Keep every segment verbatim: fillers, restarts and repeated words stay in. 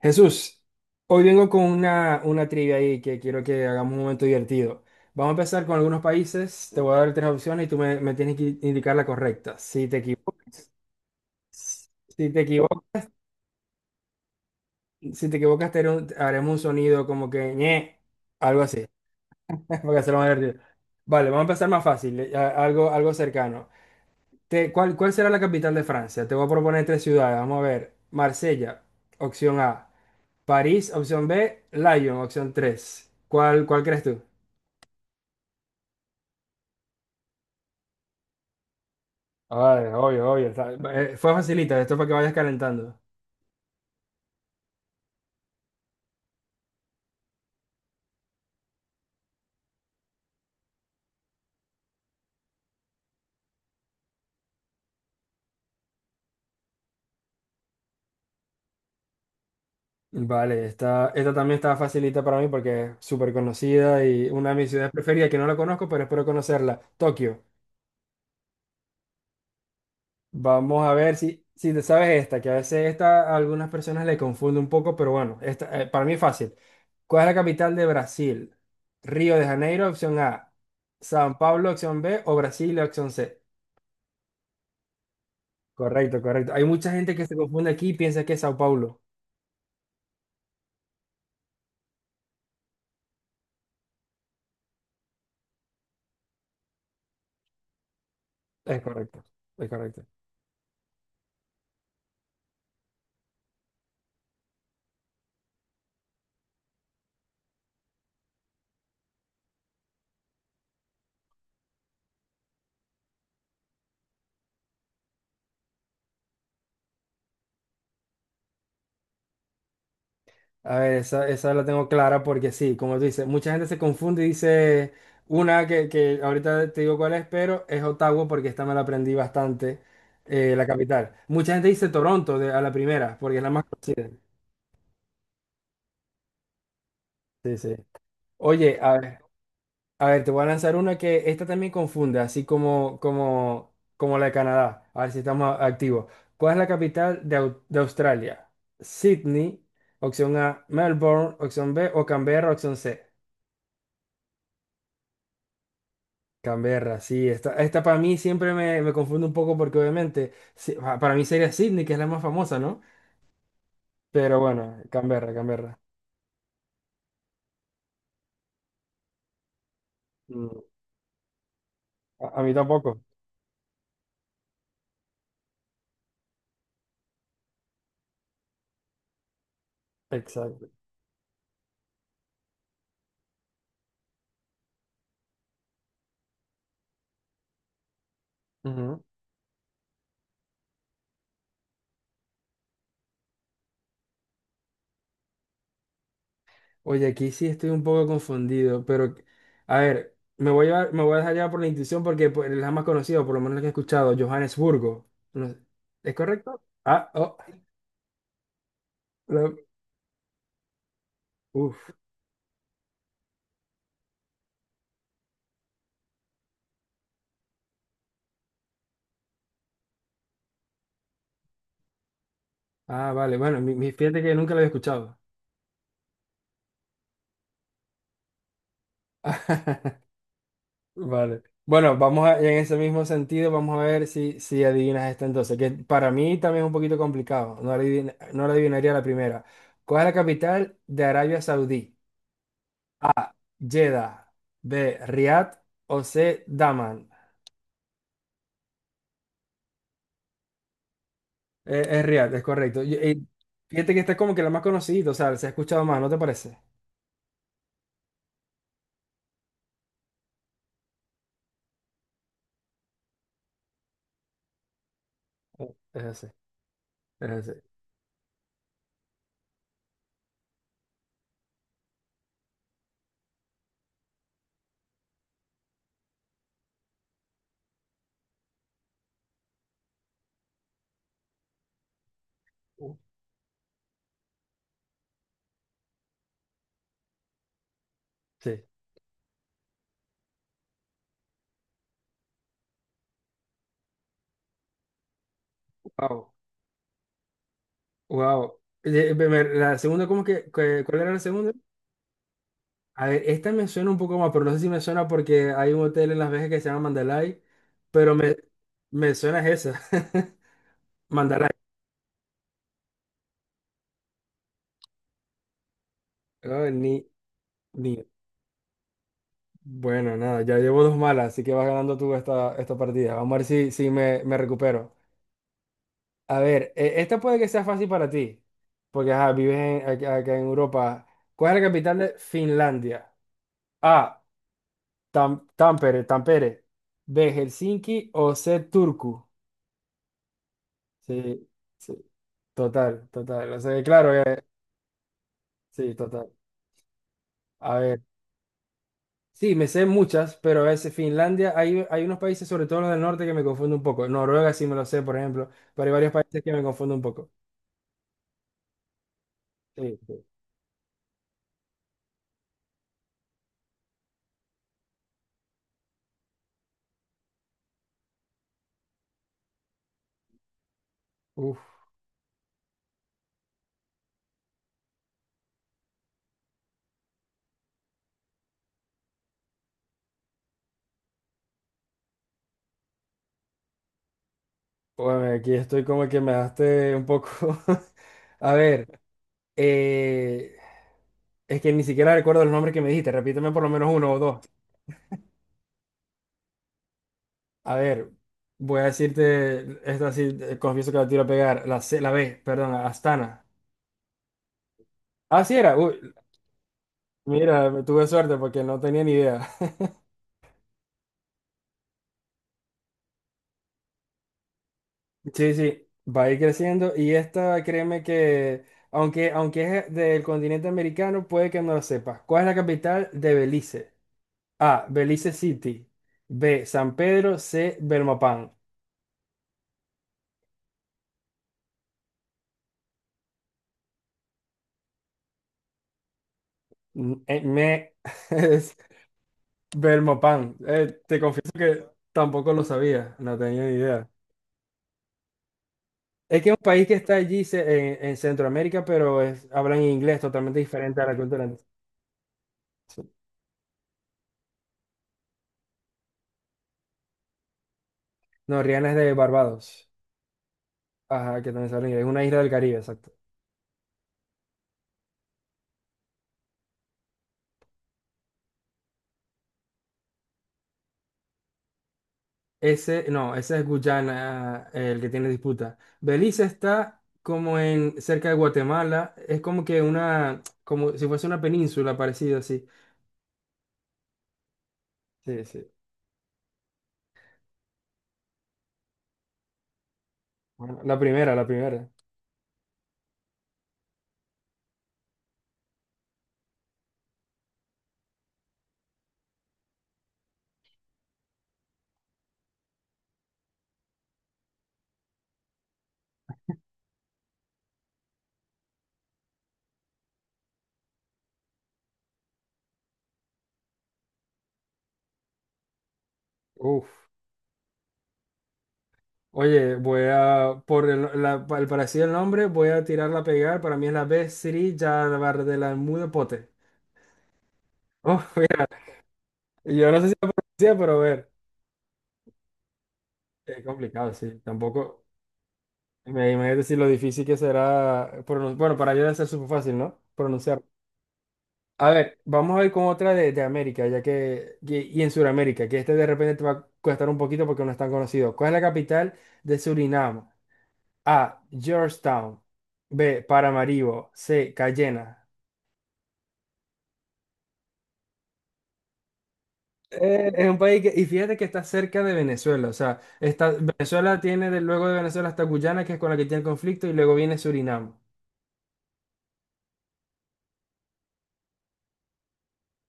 Jesús, hoy vengo con una, una trivia ahí que quiero que hagamos un momento divertido. Vamos a empezar con algunos países, te voy a dar tres opciones y tú me, me tienes que indicar la correcta. Si te equivocas, si te equivocas, si te equivocas te haré un- haremos un sonido como que ñe, algo así, para hacerlo más divertido. Vale, vamos a empezar más fácil, eh, a- algo, algo cercano. Te- ¿cuál, cuál será la capital de Francia? Te voy a proponer tres ciudades, vamos a ver. Marsella, opción A. París, opción B, Lyon, opción tres. ¿Cuál, cuál crees tú? Ay, obvio, obvio. Está- eh, fue facilita, esto es para que vayas calentando. Vale, esta, esta también está facilita para mí porque es súper conocida y una de mis ciudades preferidas que no la conozco, pero espero conocerla. Tokio. Vamos a ver si, si te sabes esta, que a veces esta a algunas personas le confunde un poco, pero bueno, esta, eh, para mí es fácil. ¿Cuál es la capital de Brasil? Río de Janeiro, opción A. San Pablo, opción B. O Brasilia, opción C. Correcto, correcto. Hay mucha gente que se confunde aquí y piensa que es Sao Paulo. Es correcto, es correcto. A ver, esa, esa la tengo clara porque sí, como tú dices, mucha gente se confunde y dice una que, que ahorita te digo cuál es, pero es Ottawa porque esta me la aprendí bastante, eh, la capital. Mucha gente dice Toronto de- a la primera porque es la más conocida. Sí, sí. Oye, a ver. A ver, te voy a lanzar una que esta también confunde, así como, como, como la de Canadá. A ver si estamos a- activos. ¿Cuál es la capital de, Au- de Australia? Sydney, opción A, Melbourne, opción B, o Canberra, opción C. Canberra, sí, esta, esta para mí siempre me, me confunde un poco porque obviamente sí, pa- para mí sería Sydney, que es la más famosa, ¿no? Pero bueno, Canberra, Canberra. Mm, A, a mí tampoco. Exacto. Oye, aquí sí estoy un poco confundido, pero a ver, me voy a, llevar- me voy a dejar llevar por la intuición porque pues, es la más conocida, por lo menos la que he escuchado, Johannesburgo. No sé, ¿es correcto? Ah, oh, lo- uf. Ah, vale, bueno, mi, mi- fíjate que nunca lo había escuchado. Vale. Bueno, vamos a, en ese mismo sentido, vamos a ver si, si adivinas esta entonces, que para mí también es un poquito complicado, no la adivin- no la adivinaría la primera. ¿Cuál es la capital de Arabia Saudí? Jeddah, B, Riad o C, Daman. Eh, es Riad, es correcto. Y- y fíjate que esta es como que la más conocida, o sea, se ha escuchado más, ¿no te parece? Eh, Es así, es así. Uh, Sí. Wow, wow. Eh, me- me- la segunda, ¿cómo que, que- cuál era la segunda? A ver, esta me suena un poco más, pero no sé si me suena porque hay un hotel en Las Vegas que se llama Mandalay, pero me, me suena es esa. Mandalay. Ah, ni, ni. Bueno, nada, ya llevo dos malas, así que vas ganando tú esta, esta partida. Vamos a ver si, si me, me recupero. A ver, eh, esta puede que sea fácil para ti, porque ajá, vives en- acá, acá en Europa. ¿Cuál es la capital de Finlandia? A. Tam- Tampere, Tampere. B. Helsinki o C. Turku. Sí, sí, total, total. O sea, claro que sí, total. A ver, sí, me sé muchas, pero a veces Finlandia, hay, hay unos países, sobre todo los del norte, que me confunden un poco. Noruega sí me lo sé, por ejemplo, pero hay varios países que me confunden un poco. Sí, sí. Uf. Bueno, aquí estoy como que me daste un poco. A ver, eh, es que ni siquiera recuerdo los nombres que me dijiste. Repíteme por lo menos uno o dos. A ver, voy a decirte, esta sí, eh, confieso que la tiro a pegar. La C, la B, perdón, Astana. Ah, sí era. Uy, mira, tuve suerte porque no tenía ni idea. Sí, sí, va a ir creciendo y esta, créeme que, aunque, aunque es del continente americano, puede que no lo sepas. ¿Cuál es la capital de Belice? A. Belice City. B. San Pedro. C. Belmopan. Mm, eh, me es Belmopan. Eh, te confieso que tampoco lo sabía, no tenía ni idea. Es que es un país que está allí se- en, en Centroamérica, pero es- hablan inglés totalmente diferente a la cultura. Sí. No, Rihanna es de Barbados. Ajá, que también se habla inglés. Es una isla del Caribe, exacto. Ese, no, ese es Guyana, eh, el que tiene disputa. Belice está como en cerca de Guatemala, es como que una, como si fuese una península parecida así. Sí, sí. Bueno, la primera, la primera. Uf. Oye, voy a, por el, la- pa- el parecido del nombre, voy a tirarla a pegar. Para mí es la be tres Jarabar de la Mude Pote. Oh, mira, yo no sé si la pronuncia, pero a ver. Es complicado, sí. Tampoco. Me imagino decir lo difícil que será. pronun- Bueno, para yo debe ser súper fácil, ¿no? Pronunciar. A ver, vamos a ir con otra de, de América, ya que, que- y en Sudamérica, que este de repente te va a costar un poquito porque no es tan conocido. ¿Cuál es la capital de Surinam? A, Georgetown. B, Paramaribo. C, Cayena. Eh, es un país que, y fíjate que está cerca de Venezuela, o sea, está, Venezuela tiene de, luego de Venezuela hasta Guyana, que es con la que tiene conflicto, y luego viene Surinam.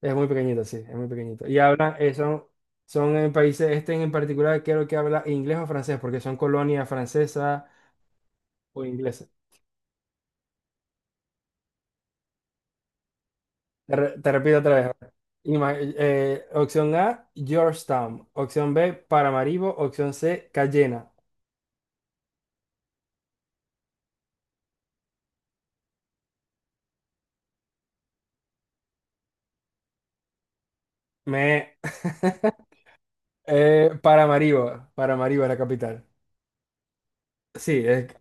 Es muy pequeñito, sí, es muy pequeñito. Y hablan, eh, son, son en países, este en particular creo que habla inglés o francés, porque son colonias francesas o inglesa. Te, re- te repito otra vez. Ima- eh, opción A, Georgetown. Opción B, Paramaribo. Opción C, Cayena. Me... Eh, Paramaribo. Paramaribo, es la capital. Sí, es-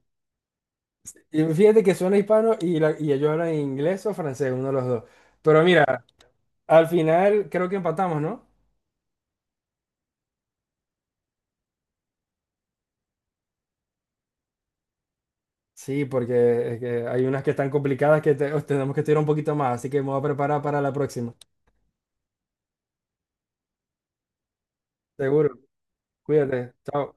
y fíjate que suena hispano y, la- y ellos hablan inglés o francés, uno de los dos. Pero mira, al final creo que empatamos, ¿no? Sí, porque es que hay unas que están complicadas que te- tenemos que estudiar un poquito más, así que me voy a preparar para la próxima. Seguro. Cuídate. Chao.